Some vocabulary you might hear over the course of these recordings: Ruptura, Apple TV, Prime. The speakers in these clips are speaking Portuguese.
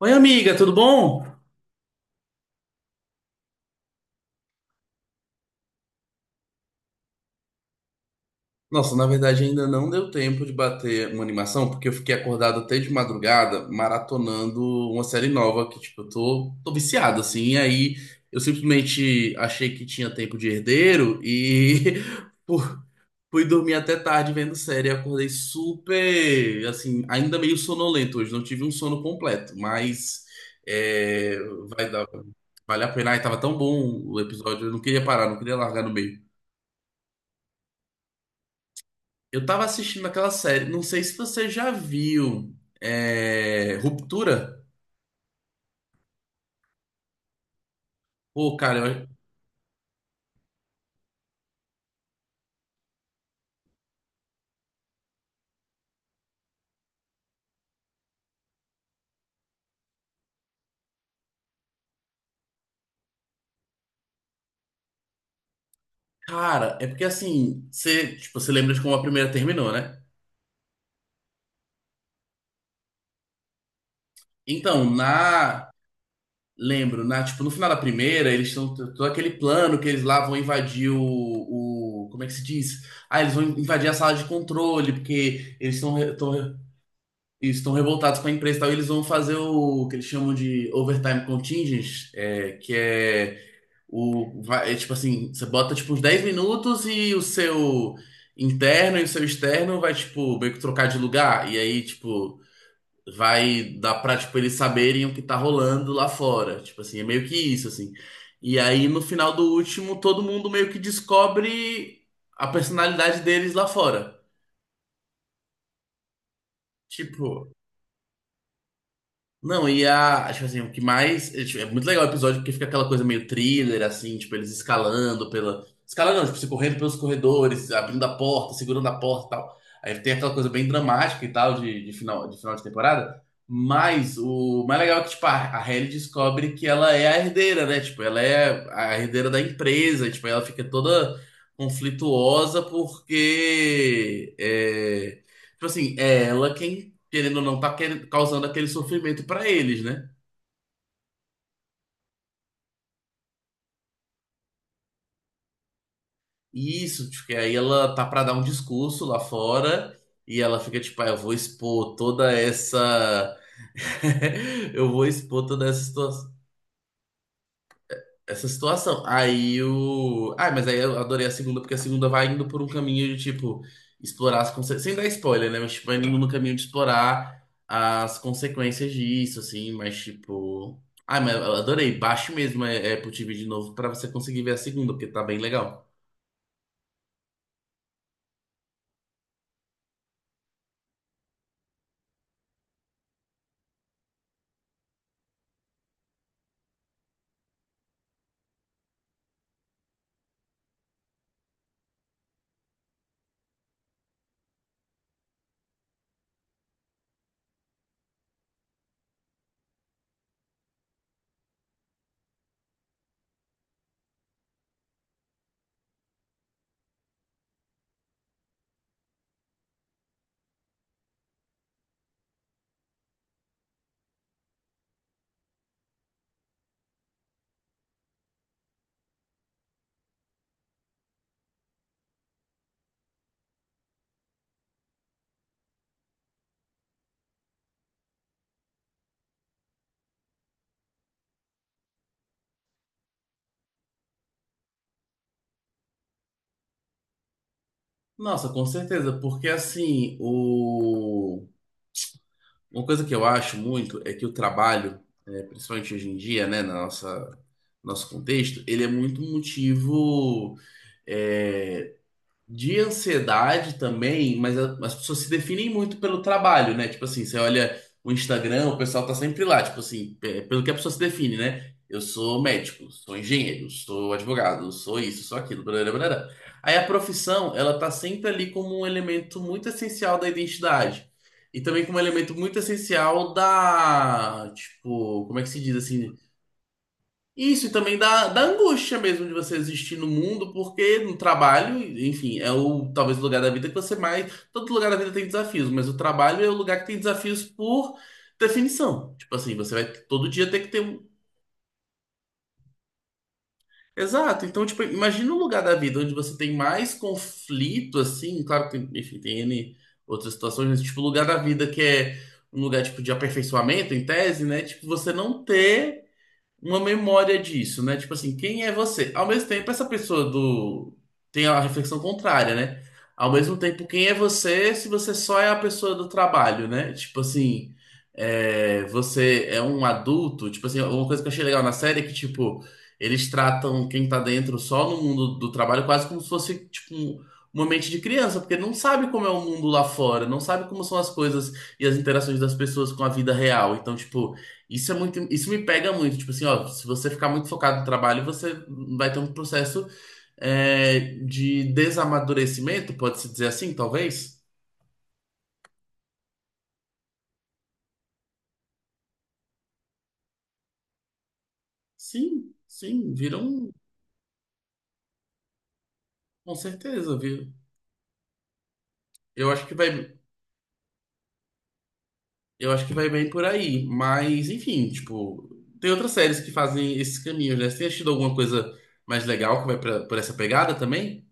Oi, amiga, tudo bom? Nossa, na verdade ainda não deu tempo de bater uma animação, porque eu fiquei acordado até de madrugada maratonando uma série nova que, tipo, eu tô viciado, assim. E aí eu simplesmente achei que tinha tempo de herdeiro e fu- fui dormir até tarde vendo série. Acordei super, assim, ainda meio sonolento hoje, não tive um sono completo, mas é, vai dar, vale a pena. Ai, tava tão bom o episódio, eu não queria parar, não queria largar no meio. Eu tava assistindo aquela série, não sei se você já viu, é, Ruptura. Pô, cara, cara, é porque assim, você, tipo, você lembra de como a primeira terminou, né? Então, lembro, tipo, no final da primeira, eles estão todo aquele plano que eles lá vão invadir o, como é que se diz? Ah, eles vão invadir a sala de controle, porque eles estão revoltados com a empresa e tal, e eles vão fazer o que eles chamam de overtime contingent, é, que é é tipo assim, você bota tipo uns 10 minutos e o seu interno e o seu externo vai, tipo, meio que trocar de lugar. E aí, tipo, vai dar pra, tipo, eles saberem o que tá rolando lá fora. Tipo assim, é meio que isso, assim. E aí, no final do último, todo mundo meio que descobre a personalidade deles lá fora. Tipo, não, e a. Tipo assim, o que mais. É tipo, é muito legal o episódio porque fica aquela coisa meio thriller, assim, tipo, eles escalando pela. Escalando, não, tipo, se correndo pelos corredores, abrindo a porta, segurando a porta e tal. Aí tem aquela coisa bem dramática e tal de final de temporada. Mas o mais legal é que, tipo, a Hailey descobre que ela é a herdeira, né? Tipo, ela é a herdeira da empresa, e, tipo, ela fica toda conflituosa porque. É... Tipo assim, é ela quem querendo ou não, causando aquele sofrimento pra eles, né? E isso, porque aí ela tá pra dar um discurso lá fora e ela fica tipo, ah, eu vou expor toda essa. Eu vou expor toda essa essa situação. Aí o. Ah, mas aí eu adorei a segunda, porque a segunda vai indo por um caminho de, tipo, explorar as consequências. Sem dar spoiler, né? Mas, tipo, vai indo no caminho de explorar as consequências disso, assim, mas, tipo. Ah, mas eu adorei. Baixe mesmo é, Apple TV de novo pra você conseguir ver a segunda, porque tá bem legal. Nossa, com certeza, porque assim, o. Uma coisa que eu acho muito é que o trabalho, principalmente hoje em dia, né, na nossa nosso contexto, ele é muito motivo é, de ansiedade também, mas as pessoas se definem muito pelo trabalho, né? Tipo assim, você olha o Instagram, o pessoal tá sempre lá, tipo assim, pelo que a pessoa se define, né? Eu sou médico, sou engenheiro, sou advogado, sou isso, sou aquilo, blá, blá, blá. Aí a profissão, ela tá sempre ali como um elemento muito essencial da identidade. E também como um elemento muito essencial da, tipo, como é que se diz assim? Isso, e também da angústia mesmo de você existir no mundo, porque no trabalho, enfim, é o talvez o lugar da vida que você mais. Todo lugar da vida tem desafios, mas o trabalho é o lugar que tem desafios por definição. Tipo assim, você vai todo dia ter que ter um. Exato. Então, tipo, imagina um lugar da vida onde você tem mais conflito, assim, claro que tem, enfim, tem N outras situações, mas tipo, o lugar da vida que é um lugar tipo de aperfeiçoamento, em tese, né? Tipo, você não ter uma memória disso, né? Tipo assim, quem é você? Ao mesmo tempo, essa pessoa do tem a reflexão contrária, né? Ao mesmo tempo, quem é você se você só é a pessoa do trabalho, né? Tipo assim, é, você é um adulto. Tipo assim, uma coisa que eu achei legal na série é que, tipo, eles tratam quem tá dentro só no mundo do trabalho quase como se fosse, tipo, uma mente de criança, porque não sabe como é o mundo lá fora, não sabe como são as coisas e as interações das pessoas com a vida real. Então, tipo, isso é muito, isso me pega muito, tipo assim, ó, se você ficar muito focado no trabalho, você vai ter um processo é, de desamadurecimento, pode-se dizer assim, talvez? Sim, sim, viram, com certeza, viu? Eu acho que vai, eu acho que vai bem por aí, mas enfim, tipo, tem outras séries que fazem esses caminhos, né? Você tem assistido alguma coisa mais legal que vai pra, por essa pegada também?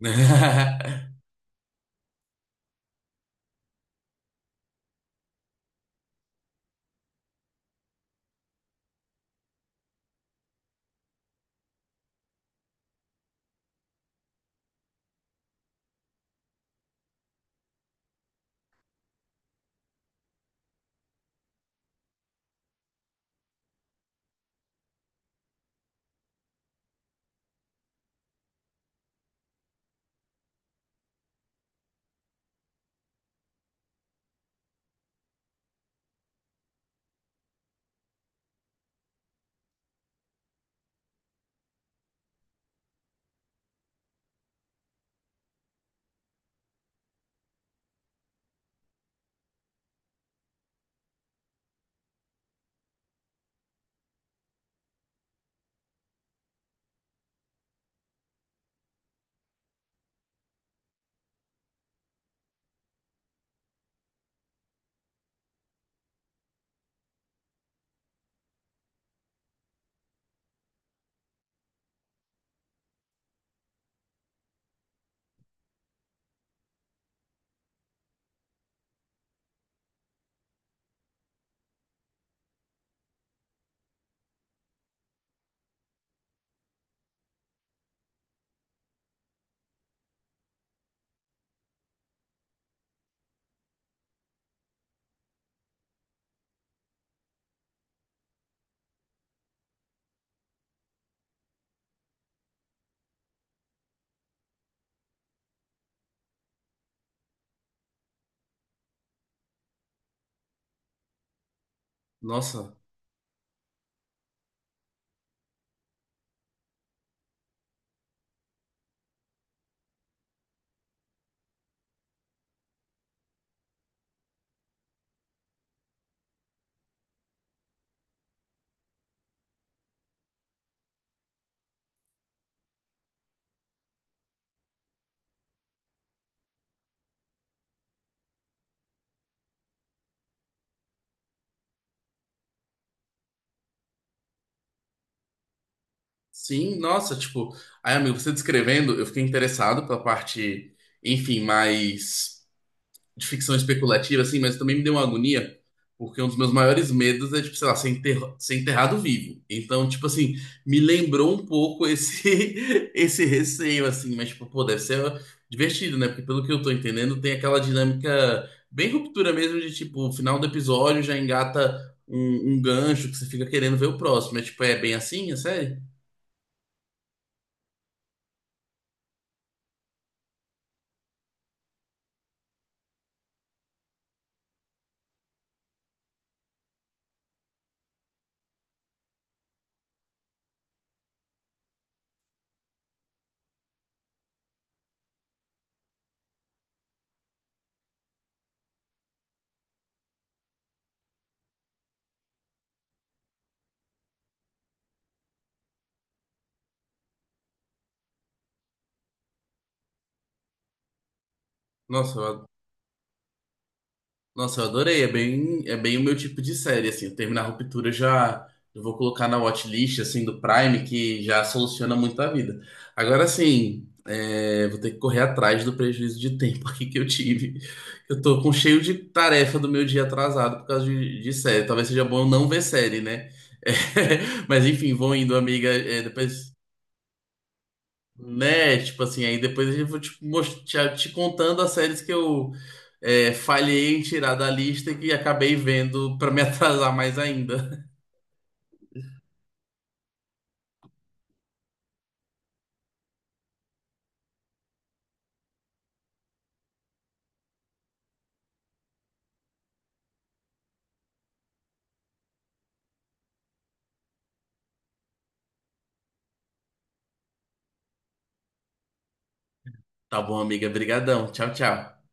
Nossa. Sim, nossa, tipo, aí, amigo, você descrevendo, eu fiquei interessado pela parte, enfim, mais de ficção especulativa, assim, mas também me deu uma agonia, porque um dos meus maiores medos é, tipo, sei lá, ser enterrado vivo. Então, tipo assim, me lembrou um pouco esse, esse receio, assim, mas, tipo, pô, deve ser divertido, né? Porque pelo que eu tô entendendo, tem aquela dinâmica bem ruptura mesmo de, tipo, o final do episódio já engata um gancho que você fica querendo ver o próximo. É, tipo, é bem assim, é sério? Nossa, eu Nossa, eu adorei. É bem o meu tipo de série, assim. Eu terminar a Ruptura já eu vou colocar na watchlist, assim, do Prime, que já soluciona muito a vida. Agora, assim, é, vou ter que correr atrás do prejuízo de tempo aqui que eu tive. Eu tô com cheio de tarefa do meu dia atrasado por causa de série. Talvez seja bom eu não ver série, né? É, mas enfim, vou indo, amiga. É, depois né? Tipo assim, aí depois eu vou te contando as séries que eu falhei em tirar da lista e que acabei vendo pra me atrasar mais ainda. Tá bom, amiga. Brigadão. Tchau, tchau.